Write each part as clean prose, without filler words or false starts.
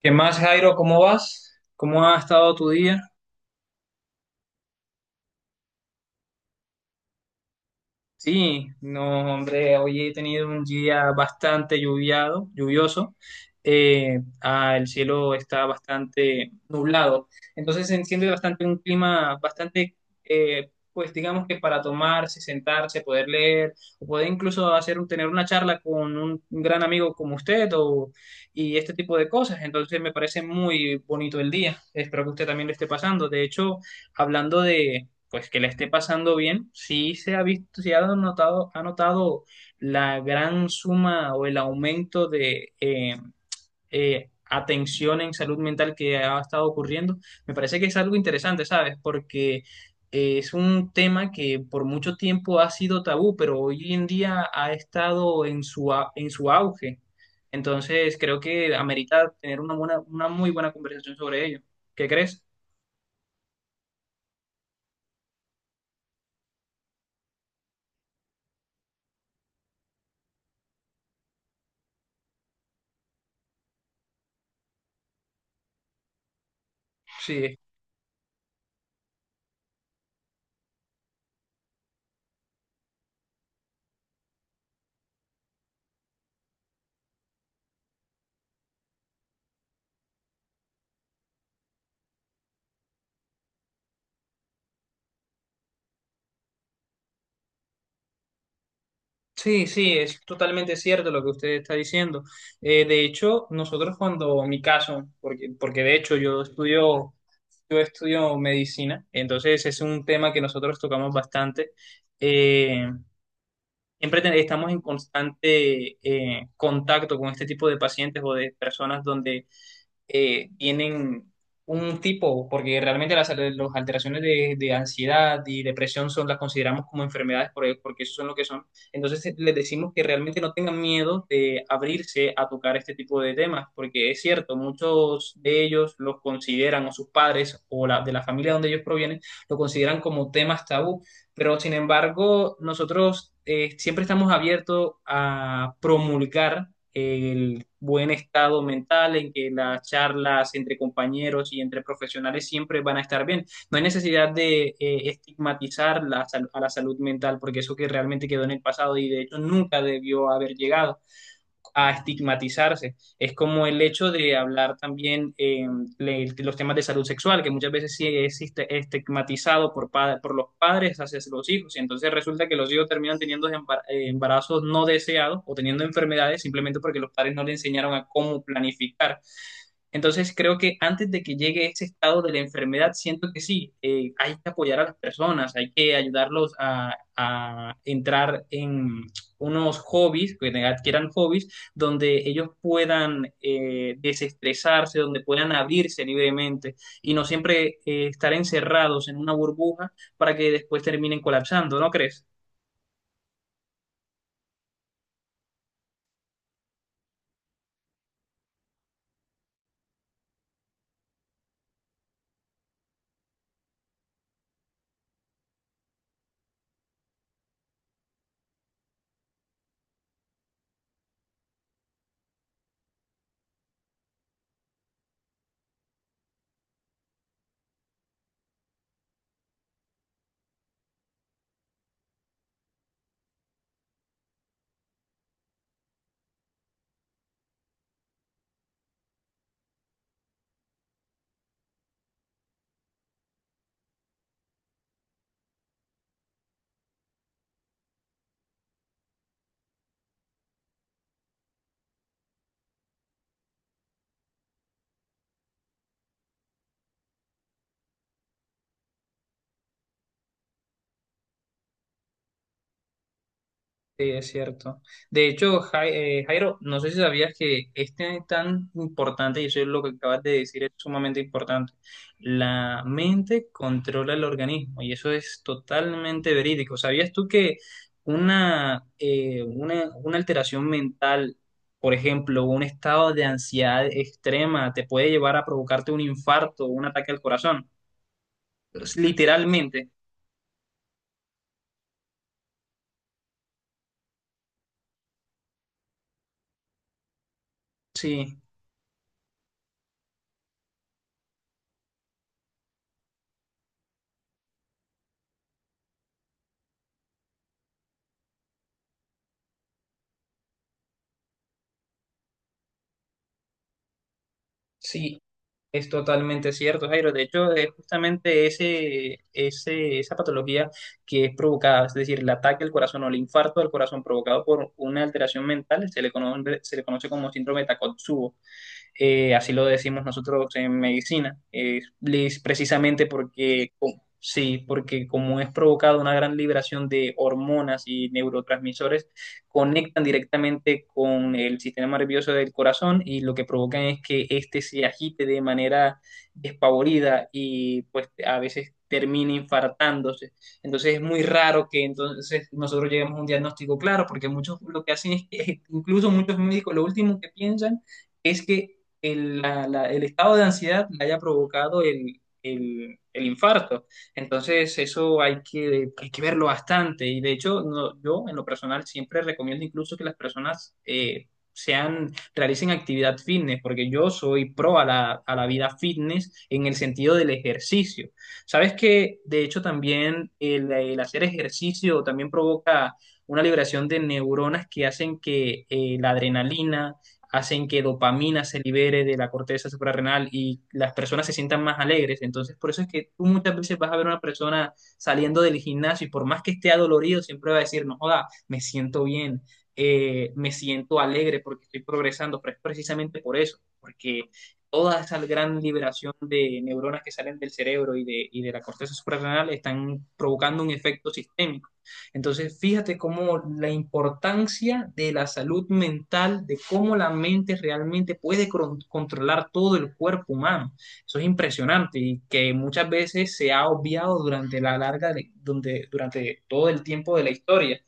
¿Qué más, Jairo? ¿Cómo vas? ¿Cómo ha estado tu día? Sí, no, hombre, hoy he tenido un día bastante lluvioso. El cielo está bastante nublado. Entonces se enciende bastante un clima bastante, pues digamos que para tomarse, sentarse, poder leer, o poder incluso tener una charla con un gran amigo como usted o, y este tipo de cosas. Entonces me parece muy bonito el día. Espero que usted también lo esté pasando. De hecho, hablando pues que le esté pasando bien, sí se ha visto, sí ha notado la gran suma o el aumento de atención en salud mental que ha estado ocurriendo. Me parece que es algo interesante, ¿sabes? Porque es un tema que por mucho tiempo ha sido tabú, pero hoy en día ha estado en en su auge. Entonces, creo que amerita tener una buena, una muy buena conversación sobre ello. ¿Qué crees? Sí, sí, sí, es totalmente cierto lo que usted está diciendo. De hecho, nosotros cuando, mi caso, porque de hecho yo estudio medicina, entonces es un tema que nosotros tocamos bastante. Eh, Siempre estamos en constante contacto con este tipo de pacientes o de personas donde tienen un tipo, porque realmente las alteraciones de ansiedad y depresión son, las consideramos como enfermedades porque eso son lo que son. Entonces les decimos que realmente no tengan miedo de abrirse a tocar este tipo de temas, porque es cierto, muchos de ellos los consideran, o sus padres, o de la familia donde ellos provienen, lo consideran como temas tabú, pero sin embargo nosotros siempre estamos abiertos a promulgar el buen estado mental, en que las charlas entre compañeros y entre profesionales siempre van a estar bien. No hay necesidad de estigmatizar a la salud mental, porque eso que realmente quedó en el pasado y de hecho nunca debió haber llegado a estigmatizarse. Es como el hecho de hablar también los temas de salud sexual, que muchas veces sí existe estigmatizado por los padres hacia los hijos, y entonces resulta que los hijos terminan teniendo embarazos no deseados o teniendo enfermedades simplemente porque los padres no le enseñaron a cómo planificar. Entonces creo que antes de que llegue ese estado de la enfermedad, siento que sí, hay que apoyar a las personas, hay que ayudarlos a entrar en unos hobbies, que adquieran hobbies donde ellos puedan desestresarse, donde puedan abrirse libremente y no siempre estar encerrados en una burbuja para que después terminen colapsando, ¿no crees? Sí, es cierto. De hecho, Jairo, no sé si sabías que este es tan importante, y eso es lo que acabas de decir, es sumamente importante. La mente controla el organismo, y eso es totalmente verídico. ¿Sabías tú que una alteración mental, por ejemplo, un estado de ansiedad extrema, te puede llevar a provocarte un infarto, un ataque al corazón? Literalmente, sí. Sí, es totalmente cierto, Jairo. De hecho, es justamente esa patología que es provocada, es decir, el ataque al corazón o el infarto al corazón provocado por una alteración mental, se le conoce como síndrome de Takotsubo. Así lo decimos nosotros en medicina. Es precisamente porque, sí, porque como es provocado una gran liberación de hormonas y neurotransmisores, conectan directamente con el sistema nervioso del corazón y lo que provocan es que éste se agite de manera despavorida y pues a veces termine infartándose. Entonces es muy raro que entonces nosotros lleguemos a un diagnóstico claro, porque muchos lo que hacen es que incluso muchos médicos lo último que piensan es que el estado de ansiedad le haya provocado el infarto. Entonces, eso hay que verlo bastante. Y de hecho, yo en lo personal siempre recomiendo incluso que las personas realicen actividad fitness, porque yo soy pro a a la vida fitness en el sentido del ejercicio. Sabes que, de hecho, también el hacer ejercicio también provoca una liberación de neuronas que hacen que la adrenalina, hacen que dopamina se libere de la corteza suprarrenal y las personas se sientan más alegres. Entonces, por eso es que tú muchas veces vas a ver a una persona saliendo del gimnasio y por más que esté adolorido, siempre va a decir, no joda, me siento bien, me siento alegre porque estoy progresando, pero es precisamente por eso, porque toda esa gran liberación de neuronas que salen del cerebro y de la corteza suprarrenal están provocando un efecto sistémico. Entonces, fíjate cómo la importancia de la salud mental, de cómo la mente realmente puede controlar todo el cuerpo humano. Eso es impresionante y que muchas veces se ha obviado durante la larga, de- donde, durante todo el tiempo de la historia.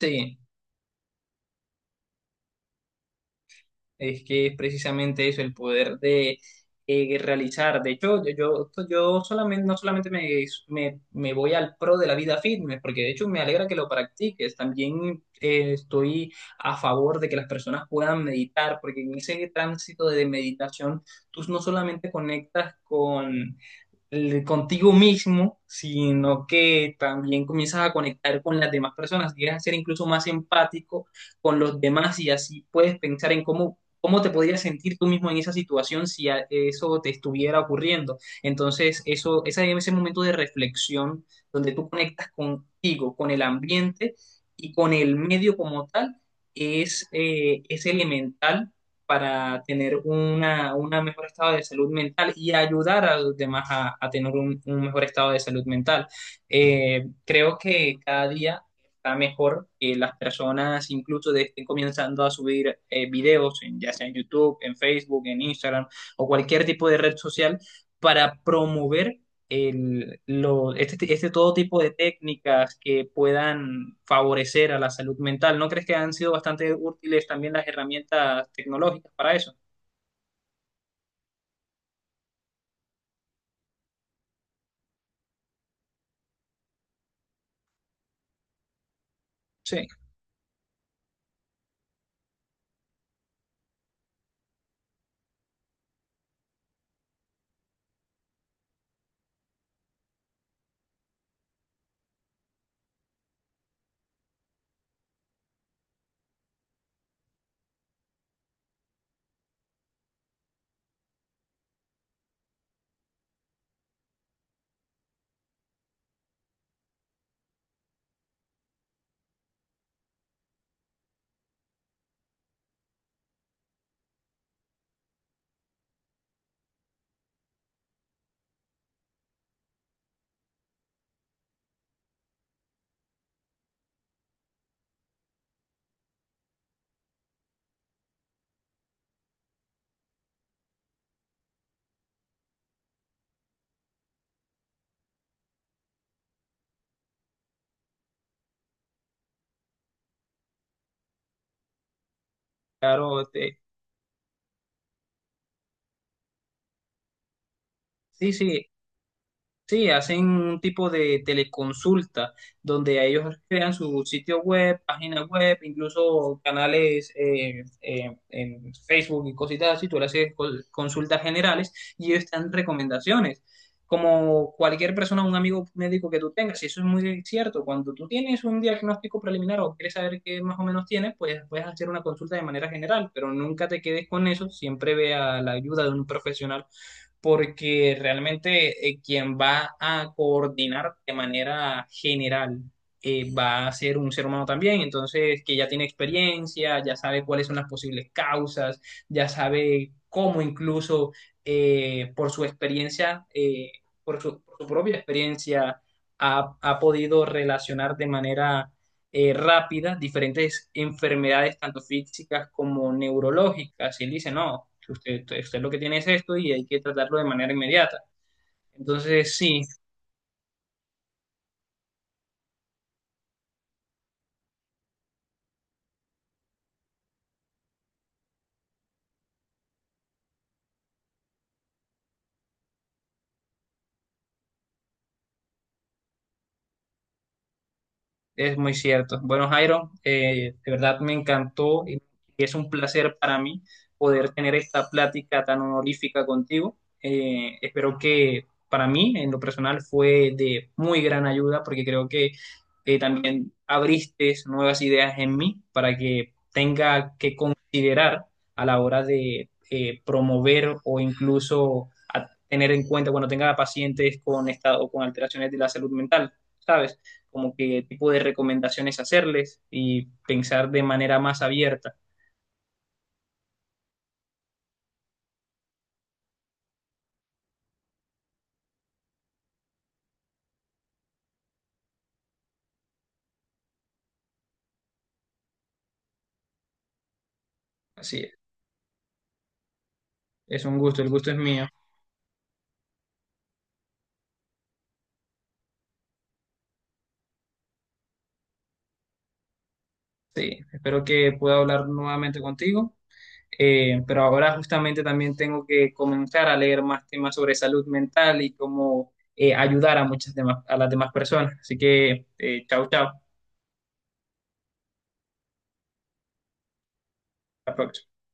Sí. Es que es precisamente eso, el poder de realizar. De hecho, yo solamente, no solamente me voy al pro de la vida fitness, porque de hecho me alegra que lo practiques. También estoy a favor de que las personas puedan meditar, porque en ese tránsito de meditación tú no solamente conectas con contigo mismo, sino que también comienzas a conectar con las demás personas, llegas a ser incluso más empático con los demás y así puedes pensar en cómo, cómo te podrías sentir tú mismo en esa situación si a- eso te estuviera ocurriendo. Entonces, ese momento de reflexión donde tú conectas contigo, con el ambiente y con el medio como tal, es elemental para tener una mejor estado de salud mental y ayudar a los demás a tener un mejor estado de salud mental. Creo que cada día está mejor que las personas incluso estén comenzando a subir videos, en, ya sea en YouTube, en Facebook, en Instagram o cualquier tipo de red social, para promover este todo tipo de técnicas que puedan favorecer a la salud mental. ¿No crees que han sido bastante útiles también las herramientas tecnológicas para eso? Sí, claro. Sí, sí. Sí, hacen un tipo de teleconsulta donde ellos crean su sitio web, página web, incluso canales en Facebook y cositas así. Tú le haces consultas generales y ellos te dan recomendaciones. Como cualquier persona, un amigo médico que tú tengas, y eso es muy cierto. Cuando tú tienes un diagnóstico preliminar o quieres saber qué más o menos tienes, pues puedes hacer una consulta de manera general, pero nunca te quedes con eso. Siempre vea la ayuda de un profesional porque realmente quien va a coordinar de manera general va a ser un ser humano también, entonces que ya tiene experiencia, ya sabe cuáles son las posibles causas, ya sabe cómo incluso eh, por su experiencia, eh, por su propia experiencia, ha podido relacionar de manera rápida diferentes enfermedades, tanto físicas como neurológicas. Y él dice, no, usted, usted lo que tiene es esto y hay que tratarlo de manera inmediata. Entonces, sí, es muy cierto. Bueno, Jairo, de verdad me encantó y es un placer para mí poder tener esta plática tan honorífica contigo. Espero que para mí, en lo personal, fue de muy gran ayuda porque creo que también abriste nuevas ideas en mí para que tenga que considerar a la hora de promover o incluso a tener en cuenta cuando tenga pacientes con estado, con alteraciones de la salud mental, ¿sabes? Como qué tipo de recomendaciones hacerles y pensar de manera más abierta. Así es un gusto, el gusto es mío. Sí, espero que pueda hablar nuevamente contigo. Pero ahora justamente también tengo que comenzar a leer más temas sobre salud mental y cómo ayudar a muchas demás, a las demás personas. Así que, chao, chao. Hasta la próxima.